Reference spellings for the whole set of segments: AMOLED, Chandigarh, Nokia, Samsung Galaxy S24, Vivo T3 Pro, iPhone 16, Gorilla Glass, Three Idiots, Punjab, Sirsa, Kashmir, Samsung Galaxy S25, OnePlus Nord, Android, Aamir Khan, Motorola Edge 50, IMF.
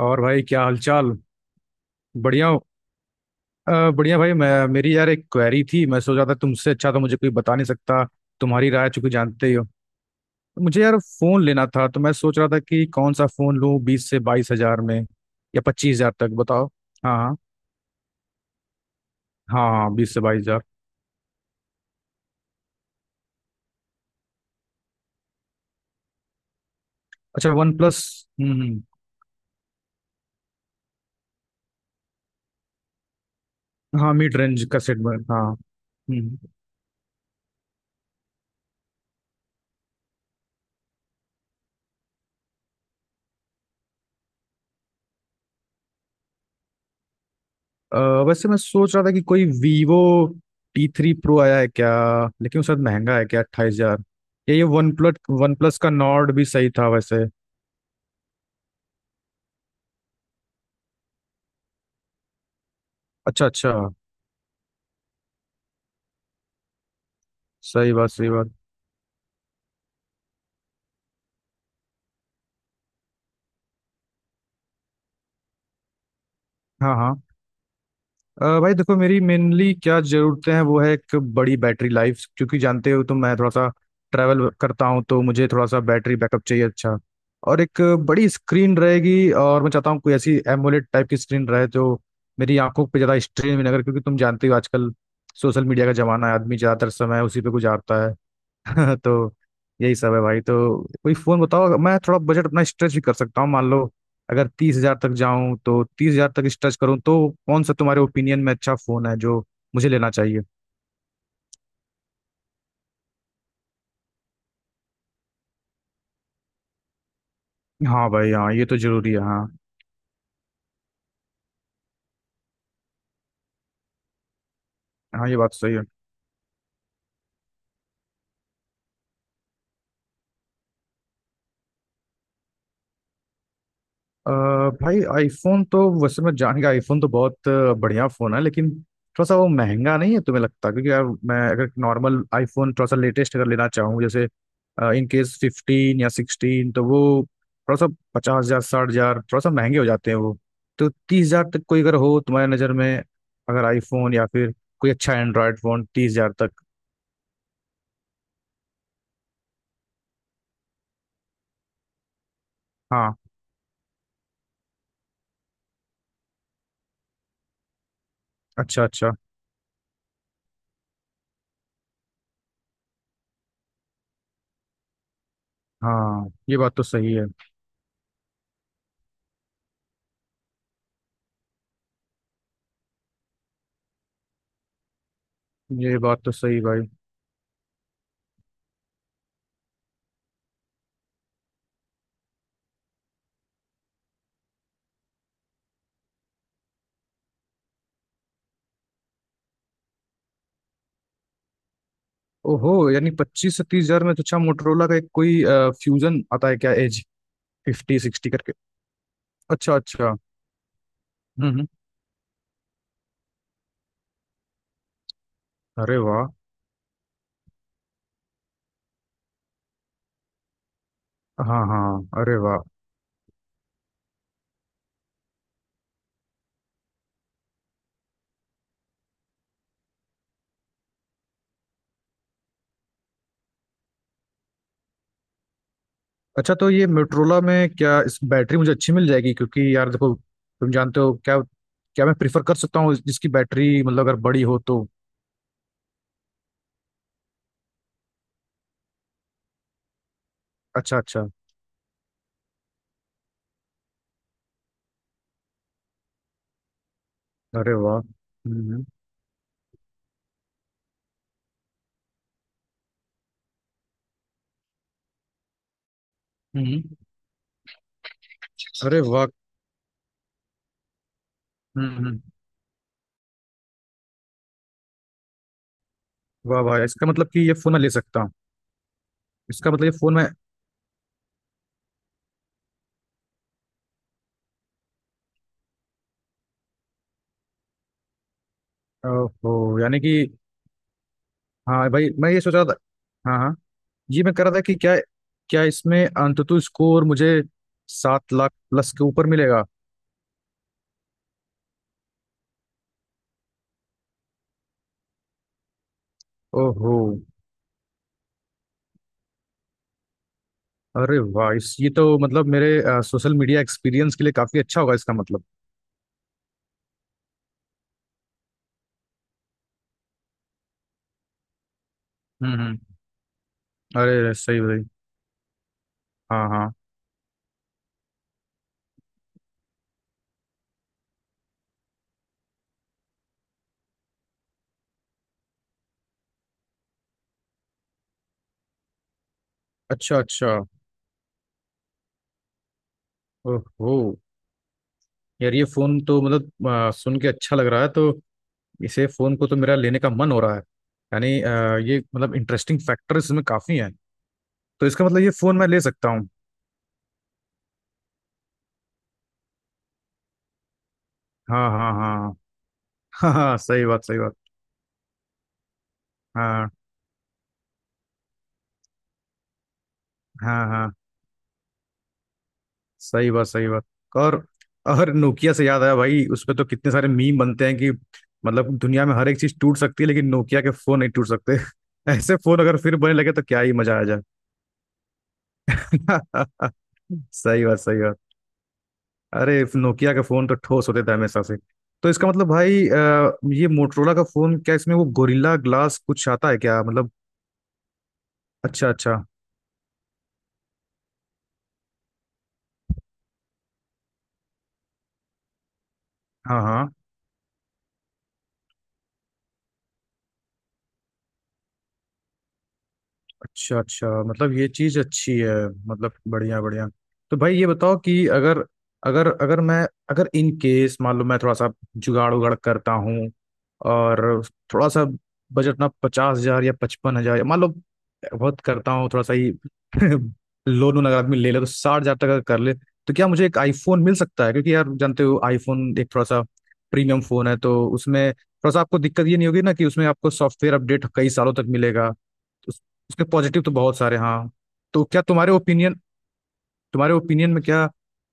और भाई क्या हालचाल। बढ़िया हो। बढ़िया भाई। मैं मेरी यार एक क्वेरी थी, मैं सोच रहा था तुमसे। अच्छा, तो मुझे कोई बता नहीं सकता तुम्हारी राय, चूंकि जानते ही हो। तो मुझे यार फोन लेना था, तो मैं सोच रहा था कि कौन सा फोन लूं 20 से 22 हजार में, या 25 हजार तक। बताओ। हाँ हाँ। हाँ हाँ, 20 से 22 हजार। अच्छा, वन प्लस। हम्म। हाँ, मिड रेंज का सेट। हाँ। हम्म। अ, वैसे मैं सोच रहा था कि कोई वीवो टी थ्री प्रो आया है क्या? लेकिन उसका महंगा है क्या? 28 हजार? या ये वन प्लस। वन प्लस का नॉर्ड भी सही था वैसे। अच्छा अच्छा। सही बात सही बात। हाँ हाँ। भाई देखो, मेरी मेनली क्या ज़रूरतें हैं। वो है एक बड़ी बैटरी लाइफ, क्योंकि जानते हो तो मैं थोड़ा सा ट्रैवल करता हूँ, तो मुझे थोड़ा सा बैटरी बैकअप चाहिए अच्छा। और एक बड़ी स्क्रीन रहेगी, और मैं चाहता हूँ कोई ऐसी एमोलेड टाइप की स्क्रीन रहे जो मेरी आंखों पे ज़्यादा स्ट्रेन भी ना करे, क्योंकि तुम जानते हो आजकल सोशल मीडिया का ज़माना है, आदमी ज़्यादातर समय उसी पे गुजारता है। तो यही सब है भाई। तो कोई फोन बताओ अगर- मैं थोड़ा बजट अपना स्ट्रेच भी कर सकता हूँ, मान लो अगर 30 हजार तक जाऊं, तो 30 हजार तक स्ट्रेच करूँ तो कौन सा तुम्हारे ओपिनियन में अच्छा फोन है जो मुझे लेना चाहिए? हाँ भाई हाँ, ये तो जरूरी है हाँ। हाँ, ये बात सही है। अ, भाई आईफोन तो वैसे मैं जान गया, आईफोन तो बहुत बढ़िया फोन है, लेकिन थोड़ा सा वो महंगा नहीं है तुम्हें लगता? क्योंकि यार मैं अगर नॉर्मल आईफोन थोड़ा सा लेटेस्ट अगर लेना चाहूँ, जैसे इन केस 15 या 16, तो वो थोड़ा सा 50 हजार, 60 हजार थोड़ा सा महंगे हो जाते हैं वो। तो तीस हजार तक कोई अगर हो तुम्हारी नज़र में, अगर आईफोन या फिर कोई अच्छा एंड्रॉयड फोन 30 हजार तक। हाँ। अच्छा अच्छा। हाँ, ये बात तो सही है। ये बात तो सही भाई। ओहो, यानी 25 से 30 हजार में? तो अच्छा, मोटरोला का एक कोई फ्यूजन आता है क्या एज 50 60 करके? अच्छा अच्छा। हम्म। अरे वाह। हाँ हाँ। अरे वाह। अच्छा, तो ये मोटरोला में क्या इस बैटरी मुझे अच्छी मिल जाएगी? क्योंकि यार देखो, तुम जानते हो क्या क्या मैं प्रिफर कर सकता हूँ, जिसकी बैटरी मतलब अगर बड़ी हो तो। अच्छा अच्छा। अरे वाह। हम्म। अरे वाह। हम्म। वाह वाह, इसका मतलब कि ये फोन मैं ले सकता हूँ? इसका मतलब ये फोन मैं। ओहो, यानी कि। हाँ भाई, मैं ये सोच रहा था। हाँ हाँ। जी, मैं कह रहा था कि क्या क्या इसमें अंततः स्कोर मुझे 7 लाख प्लस के ऊपर मिलेगा? ओहो। अरे वाह, इस ये तो मतलब मेरे सोशल मीडिया एक्सपीरियंस के लिए काफी अच्छा होगा इसका मतलब। हम्म। अरे सही भाई। हाँ हाँ। अच्छा अच्छा। ओहो। यार ये फोन तो मतलब सुन के अच्छा लग रहा है। तो इसे फोन को तो मेरा लेने का मन हो रहा है। यानी ये मतलब इंटरेस्टिंग फैक्टर इसमें काफी हैं। तो इसका मतलब ये फोन मैं ले सकता हूँ? हाँ हाँ हाँ। हाँ हाँ, सही बात सही बात। हाँ हाँ हाँ, सही बात सही बात। और और नोकिया से याद आया भाई, उस पे तो कितने सारे मीम बनते हैं कि मतलब दुनिया में हर एक चीज टूट सकती है लेकिन नोकिया के फोन नहीं टूट सकते। ऐसे फोन अगर फिर बनने लगे तो क्या ही मजा आ जाए। सही बात सही बात। अरे नोकिया के फोन तो ठोस होते थे हमेशा से। तो इसका मतलब भाई, ये मोटरोला का फोन, क्या इसमें वो गोरिल्ला ग्लास कुछ आता है क्या मतलब? अच्छा अच्छा। हाँ हाँ। अच्छा अच्छा, मतलब ये चीज अच्छी है। मतलब बढ़िया बढ़िया। तो भाई ये बताओ कि अगर अगर अगर मैं, अगर इन केस मान लो मैं थोड़ा सा जुगाड़ उगाड़ करता हूँ और थोड़ा सा बजट ना 50 हजार या 55 हजार, मान लो बहुत करता हूँ थोड़ा सा ही लोन वोन अगर आदमी ले ले तो 60 हजार तक अगर कर ले, तो क्या मुझे एक आईफोन मिल सकता है? क्योंकि यार जानते हो आईफोन एक थोड़ा सा प्रीमियम फोन है, तो उसमें थोड़ा सा आपको दिक्कत ये नहीं होगी ना कि उसमें आपको सॉफ्टवेयर अपडेट कई सालों तक मिलेगा। उसके पॉजिटिव तो बहुत सारे हाँ। तो क्या तुम्हारे ओपिनियन में क्या,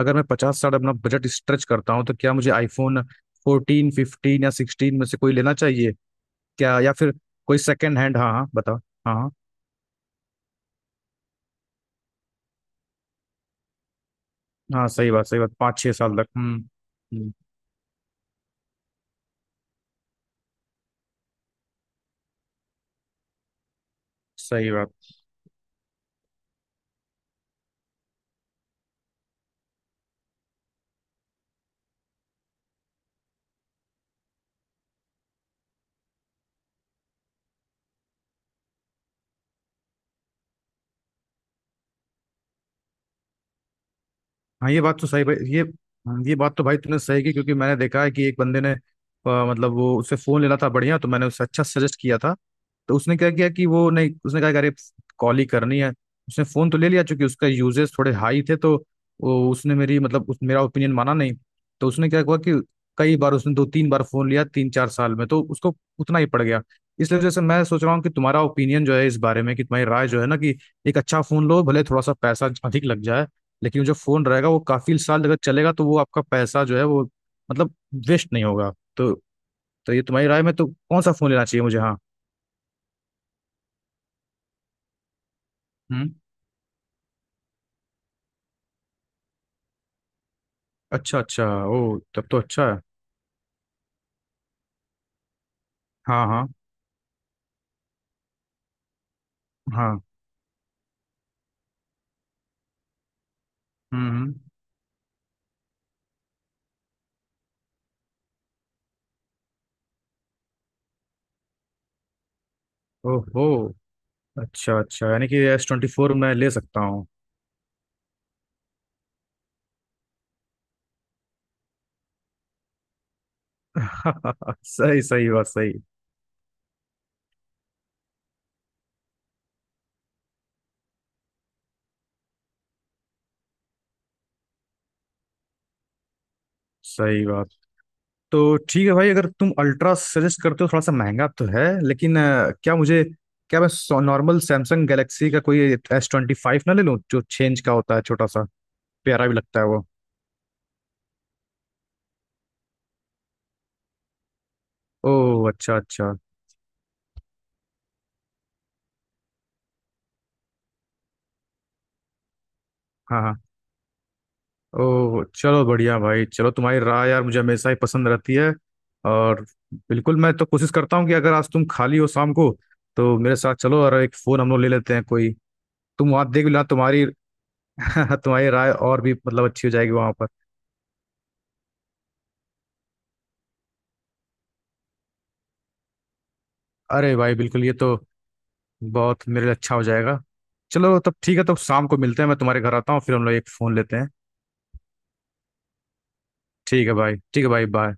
अगर मैं पचास साठ अपना बजट स्ट्रेच करता हूँ तो क्या मुझे आईफोन 14, 15 या सिक्सटीन में से कोई लेना चाहिए क्या, या फिर कोई सेकेंड हैंड? हाँ हाँ, बताओ। हाँ हाँ हाँ, सही बात सही बात। पाँच छः साल तक। हम्म। सही बात। हाँ ये बात तो सही भाई, ये बात तो भाई तूने सही की, क्योंकि मैंने देखा है कि एक बंदे ने मतलब वो उससे फोन लेना था बढ़िया, तो मैंने उससे अच्छा सजेस्ट किया था। तो उसने क्या किया कि वो नहीं, उसने कहा कि अरे कॉल ही करनी है। उसने फोन तो ले लिया, चूंकि उसका यूजेस थोड़े हाई थे, तो वो उसने मेरी मतलब उस, मेरा ओपिनियन माना नहीं। तो उसने क्या हुआ कि कई बार उसने दो तीन बार फोन लिया तीन चार साल में, तो उसको उतना ही पड़ गया। इसलिए जैसे मैं सोच रहा हूँ कि तुम्हारा ओपिनियन जो है इस बारे में, कि तुम्हारी राय जो है ना, कि एक अच्छा फोन लो भले थोड़ा सा पैसा अधिक लग जाए, लेकिन जो फोन रहेगा वो काफी साल अगर चलेगा तो वो आपका पैसा जो है वो मतलब वेस्ट नहीं होगा। तो तो ये तुम्हारी राय में तो कौन सा फोन लेना चाहिए मुझे? हाँ। हम्म। अच्छा अच्छा। ओ, तब तो अच्छा है। हाँ हाँ हाँ। हम्म। ओहो, अच्छा अच्छा, यानी कि S24 मैं ले सकता हूँ? सही सही बात सही। सही बात। तो ठीक है भाई, अगर तुम अल्ट्रा सजेस्ट करते हो थोड़ा सा महंगा तो है, लेकिन क्या मुझे, क्या मैं नॉर्मल सैमसंग गैलेक्सी का कोई S25 ना ले लूँ, जो चेंज का होता है छोटा सा प्यारा भी लगता है वो? ओह अच्छा अच्छा। हाँ हाँ। ओह चलो बढ़िया भाई, चलो, तुम्हारी राय यार मुझे हमेशा ही पसंद रहती है। और बिल्कुल, मैं तो कोशिश करता हूँ कि अगर आज तुम खाली हो शाम को, तो मेरे साथ चलो और एक फ़ोन हम लोग ले लेते हैं कोई। तुम वहाँ देख लेना तुम्हारी तुम्हारी राय और भी मतलब अच्छी हो जाएगी वहाँ पर। अरे भाई बिल्कुल, ये तो बहुत मेरे लिए अच्छा हो जाएगा। चलो तब ठीक है, तो शाम को मिलते हैं। मैं तुम्हारे घर आता हूँ फिर हम लोग एक फ़ोन लेते हैं। ठीक है भाई, ठीक है भाई, बाय।